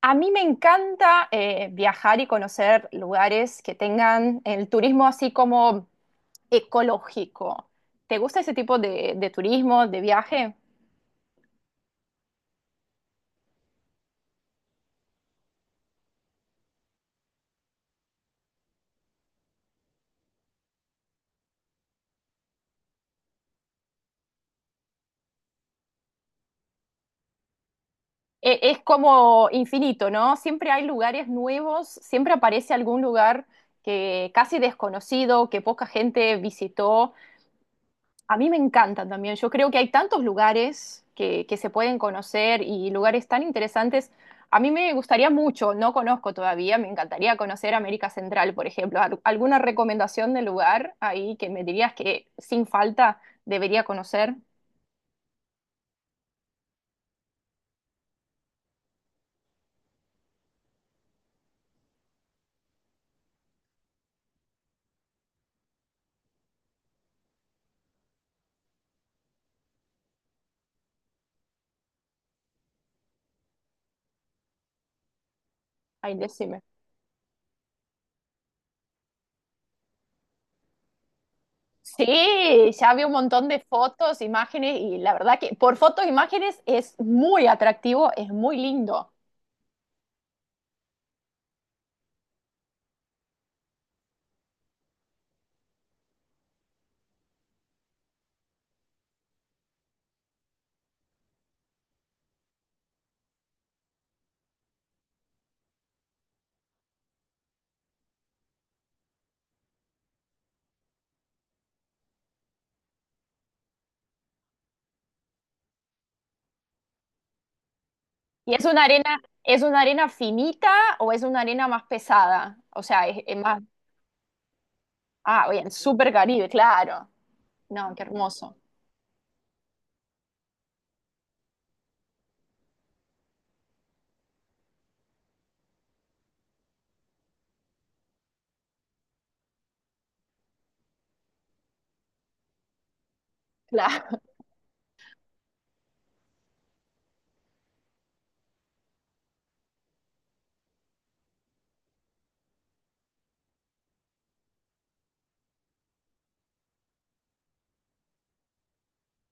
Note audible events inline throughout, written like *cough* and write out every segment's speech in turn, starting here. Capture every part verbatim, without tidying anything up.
A mí me encanta eh, viajar y conocer lugares que tengan el turismo así como ecológico. ¿Te gusta ese tipo de, de turismo, de viaje? E- es como infinito, ¿no? Siempre hay lugares nuevos, siempre aparece algún lugar que casi desconocido, que poca gente visitó. A mí me encantan también. Yo creo que hay tantos lugares que, que se pueden conocer y lugares tan interesantes. A mí me gustaría mucho, no conozco todavía, me encantaría conocer América Central, por ejemplo. Al- ¿Alguna recomendación de lugar ahí que me dirías que sin falta debería conocer? Ahí decime. Sí, ya vi un montón de fotos, imágenes y la verdad que por fotos, imágenes es muy atractivo, es muy lindo. ¿Y es una arena, es una arena finita o es una arena más pesada? O sea, es, es más. Ah, bien, súper Caribe, claro. No, qué hermoso. Claro.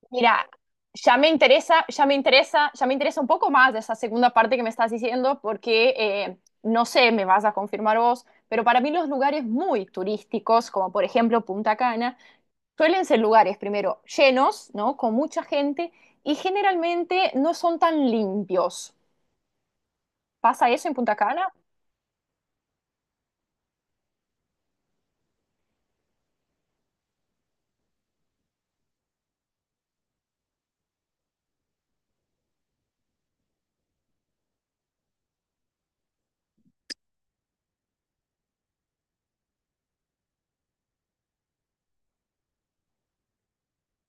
*laughs* Mira, ya me interesa, ya me interesa, ya me interesa un poco más de esa segunda parte que me estás diciendo, porque eh, no sé, me vas a confirmar vos, pero para mí los lugares muy turísticos, como por ejemplo Punta Cana, suelen ser lugares primero llenos, ¿no? Con mucha gente y generalmente no son tan limpios. ¿Pasa eso en Punta Cana?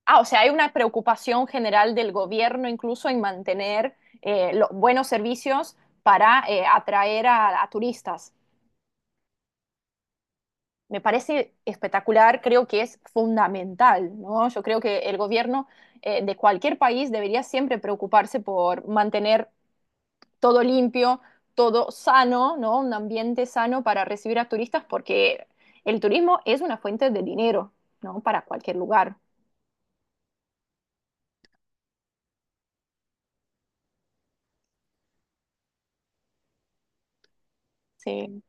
Ah, o sea, hay una preocupación general del gobierno incluso en mantener eh, los buenos servicios para eh, atraer a, a turistas. Me parece espectacular, creo que es fundamental, ¿no? Yo creo que el gobierno eh, de cualquier país debería siempre preocuparse por mantener todo limpio, todo sano, ¿no? Un ambiente sano para recibir a turistas porque el turismo es una fuente de dinero, ¿no? Para cualquier lugar. Sí.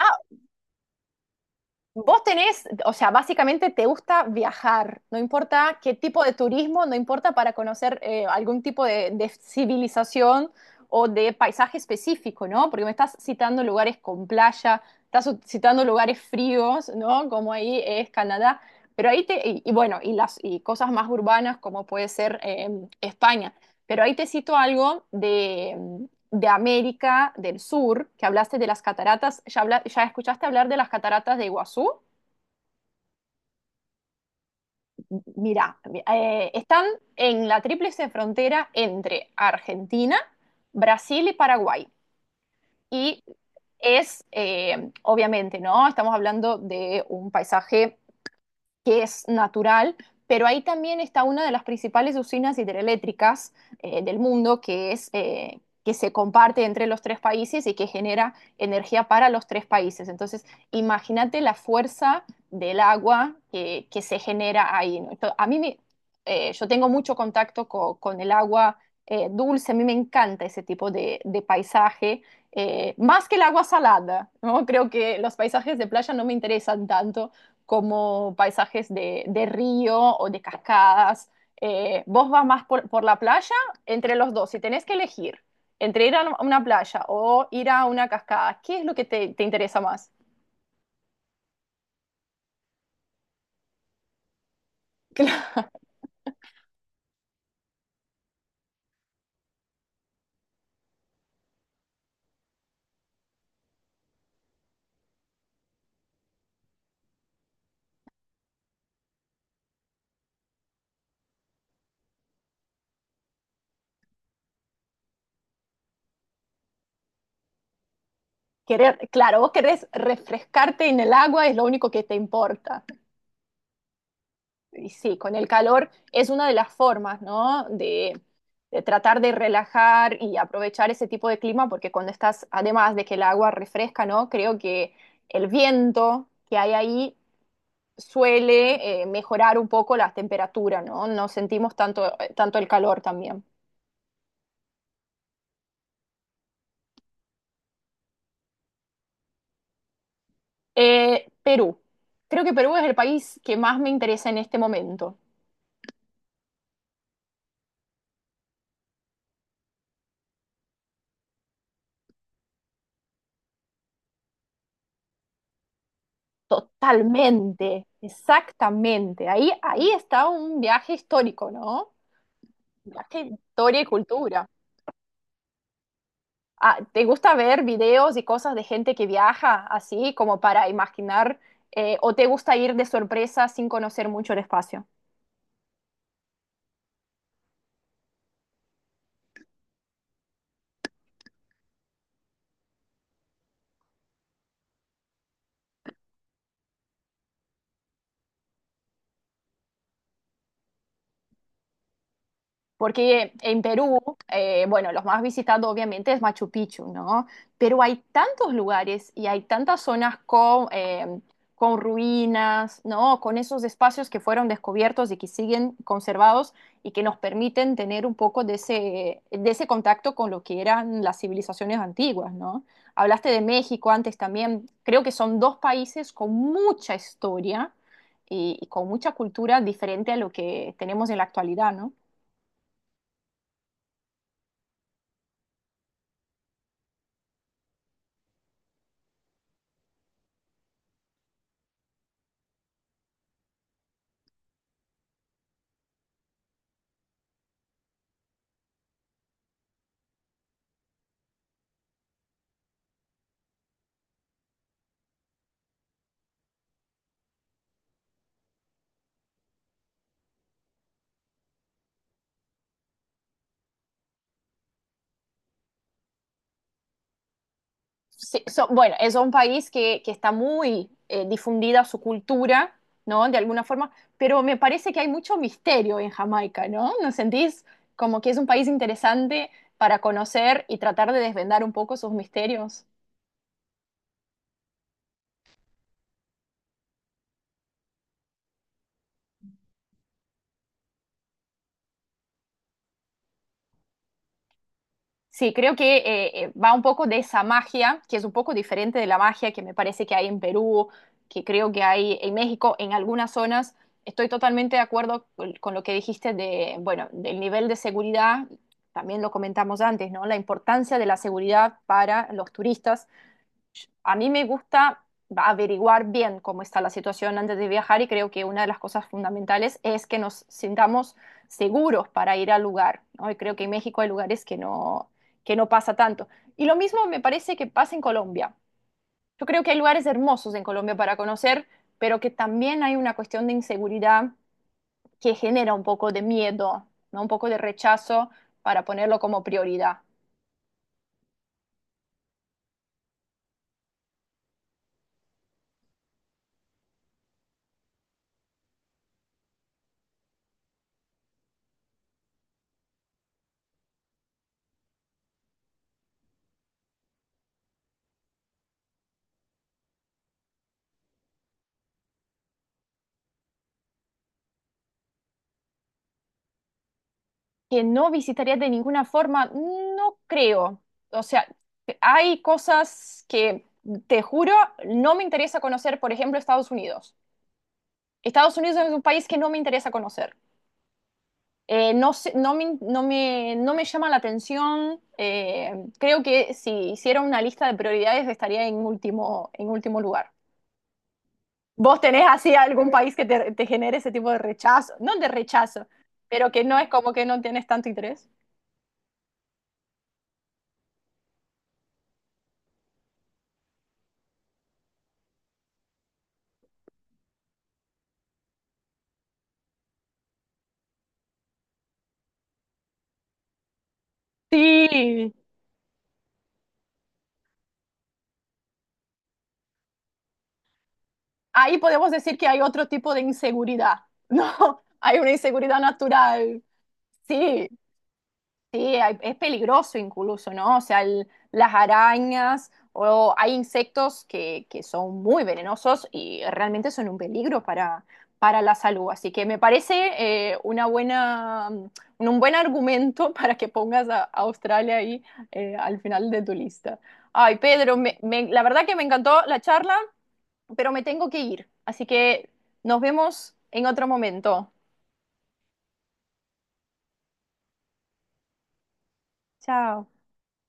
Ah, Vos tenés, o sea, básicamente te gusta viajar, no importa qué tipo de turismo, no importa para conocer eh, algún tipo de, de civilización o de paisaje específico, ¿no? Porque me estás citando lugares con playa, estás u- citando lugares fríos, ¿no? Como ahí es Canadá, pero ahí te, y, y bueno, y las y cosas más urbanas como puede ser eh, España, pero ahí te cito algo de América del Sur, que hablaste de las cataratas, ¿ya, habla- ya escuchaste hablar de las cataratas de Iguazú? M- Mira, eh, están en la tríplice frontera entre Argentina, Brasil y Paraguay. Y es, eh, obviamente, ¿no? Estamos hablando de un paisaje que es natural, pero ahí también está una de las principales usinas hidroeléctricas eh, del mundo, que es eh, que se comparte entre los tres países y que genera energía para los tres países. Entonces, imagínate la fuerza del agua que, que se genera ahí, ¿no? Entonces, a mí me- eh, yo tengo mucho contacto co- con, el agua eh, dulce, a mí me encanta ese tipo de, de paisaje, eh, más que el agua salada, ¿no? Creo que los paisajes de playa no me interesan tanto como paisajes de, de río o de cascadas. Eh, vos vas más por, por la playa, entre los dos, si tenés que elegir entre ir a una playa o ir a una cascada, ¿qué es lo que te, te interesa más? *laughs* Querer, claro, vos querés refrescarte en el agua, es lo único que te importa. Y sí, con el calor es una de las formas, ¿no? De, de tratar de relajar y aprovechar ese tipo de clima, porque cuando estás, además de que el agua refresca, ¿no? Creo que el viento que hay ahí suele eh, mejorar un poco las temperaturas, ¿no? No sentimos tanto, eh, tanto el calor también. Eh, Perú. Creo que Perú es el país que más me interesa en este momento. Totalmente, exactamente. Ahí, ahí está un viaje histórico, ¿no? Es que historia y cultura. Ah, ¿te gusta ver videos y cosas de gente que viaja así como para imaginar? eh, ¿o te gusta ir de sorpresa sin conocer mucho el espacio? Porque en Perú, eh, bueno, los más visitados obviamente es Machu Picchu, ¿no? Pero hay tantos lugares y hay tantas zonas con, eh, con ruinas, ¿no? Con esos espacios que fueron descubiertos y que siguen conservados y que nos permiten tener un poco de ese, de ese contacto con lo que eran las civilizaciones antiguas, ¿no? Hablaste de México antes también. Creo que son dos países con mucha historia y, y con mucha cultura diferente a lo que tenemos en la actualidad, ¿no? Sí, so- bueno, es un país que, que está muy eh, difundida su cultura, ¿no? De alguna forma, pero me parece que hay mucho misterio en Jamaica, ¿no? ¿No sentís como que es un país interesante para conocer y tratar de desvendar un poco sus misterios? Sí, creo que eh, eh, va un poco de esa magia, que es un poco diferente de la magia que me parece que hay en Perú, que creo que hay en México, en algunas zonas. Estoy totalmente de acuerdo con con lo que dijiste de, bueno, del nivel de seguridad, también lo comentamos antes, ¿no? La importancia de la seguridad para los turistas a mí me gusta averiguar bien cómo está la situación antes de viajar y creo que una de las cosas fundamentales es que nos sintamos seguros para ir al lugar, ¿no? Y creo que en México hay lugares que no, que no pasa tanto. Y lo mismo me parece que pasa en Colombia. Yo creo que hay lugares hermosos en Colombia para conocer, pero que también hay una cuestión de inseguridad que genera un poco de miedo, ¿no? Un poco de rechazo para ponerlo como prioridad. Que no visitaría de ninguna forma, no creo. O sea, hay cosas que, te juro, no me interesa conocer, por ejemplo, Estados Unidos. Estados Unidos es un país que no me interesa conocer. Eh, no sé- no me, no me- no me llama la atención. Eh, creo que si hiciera una lista de prioridades estaría en último, en último lugar. ¿Vos tenés así algún país que te, te genere ese tipo de rechazo? No de rechazo, pero que no es como que no tienes tanto interés. Sí, ahí podemos decir que hay otro tipo de inseguridad, ¿no? *laughs* Hay una inseguridad natural. Sí, sí, hay- es peligroso incluso, ¿no? O sea, el- las arañas o hay insectos que, que son muy venenosos y realmente son un peligro para, para la salud. Así que me parece eh, una buena, mm, un buen argumento *laughs* para que pongas a, a Australia ahí eh, al final de tu lista. Ay, Pedro, me- me- la verdad que me encantó la charla, pero me tengo que ir. Así que nos vemos en otro momento. Chao.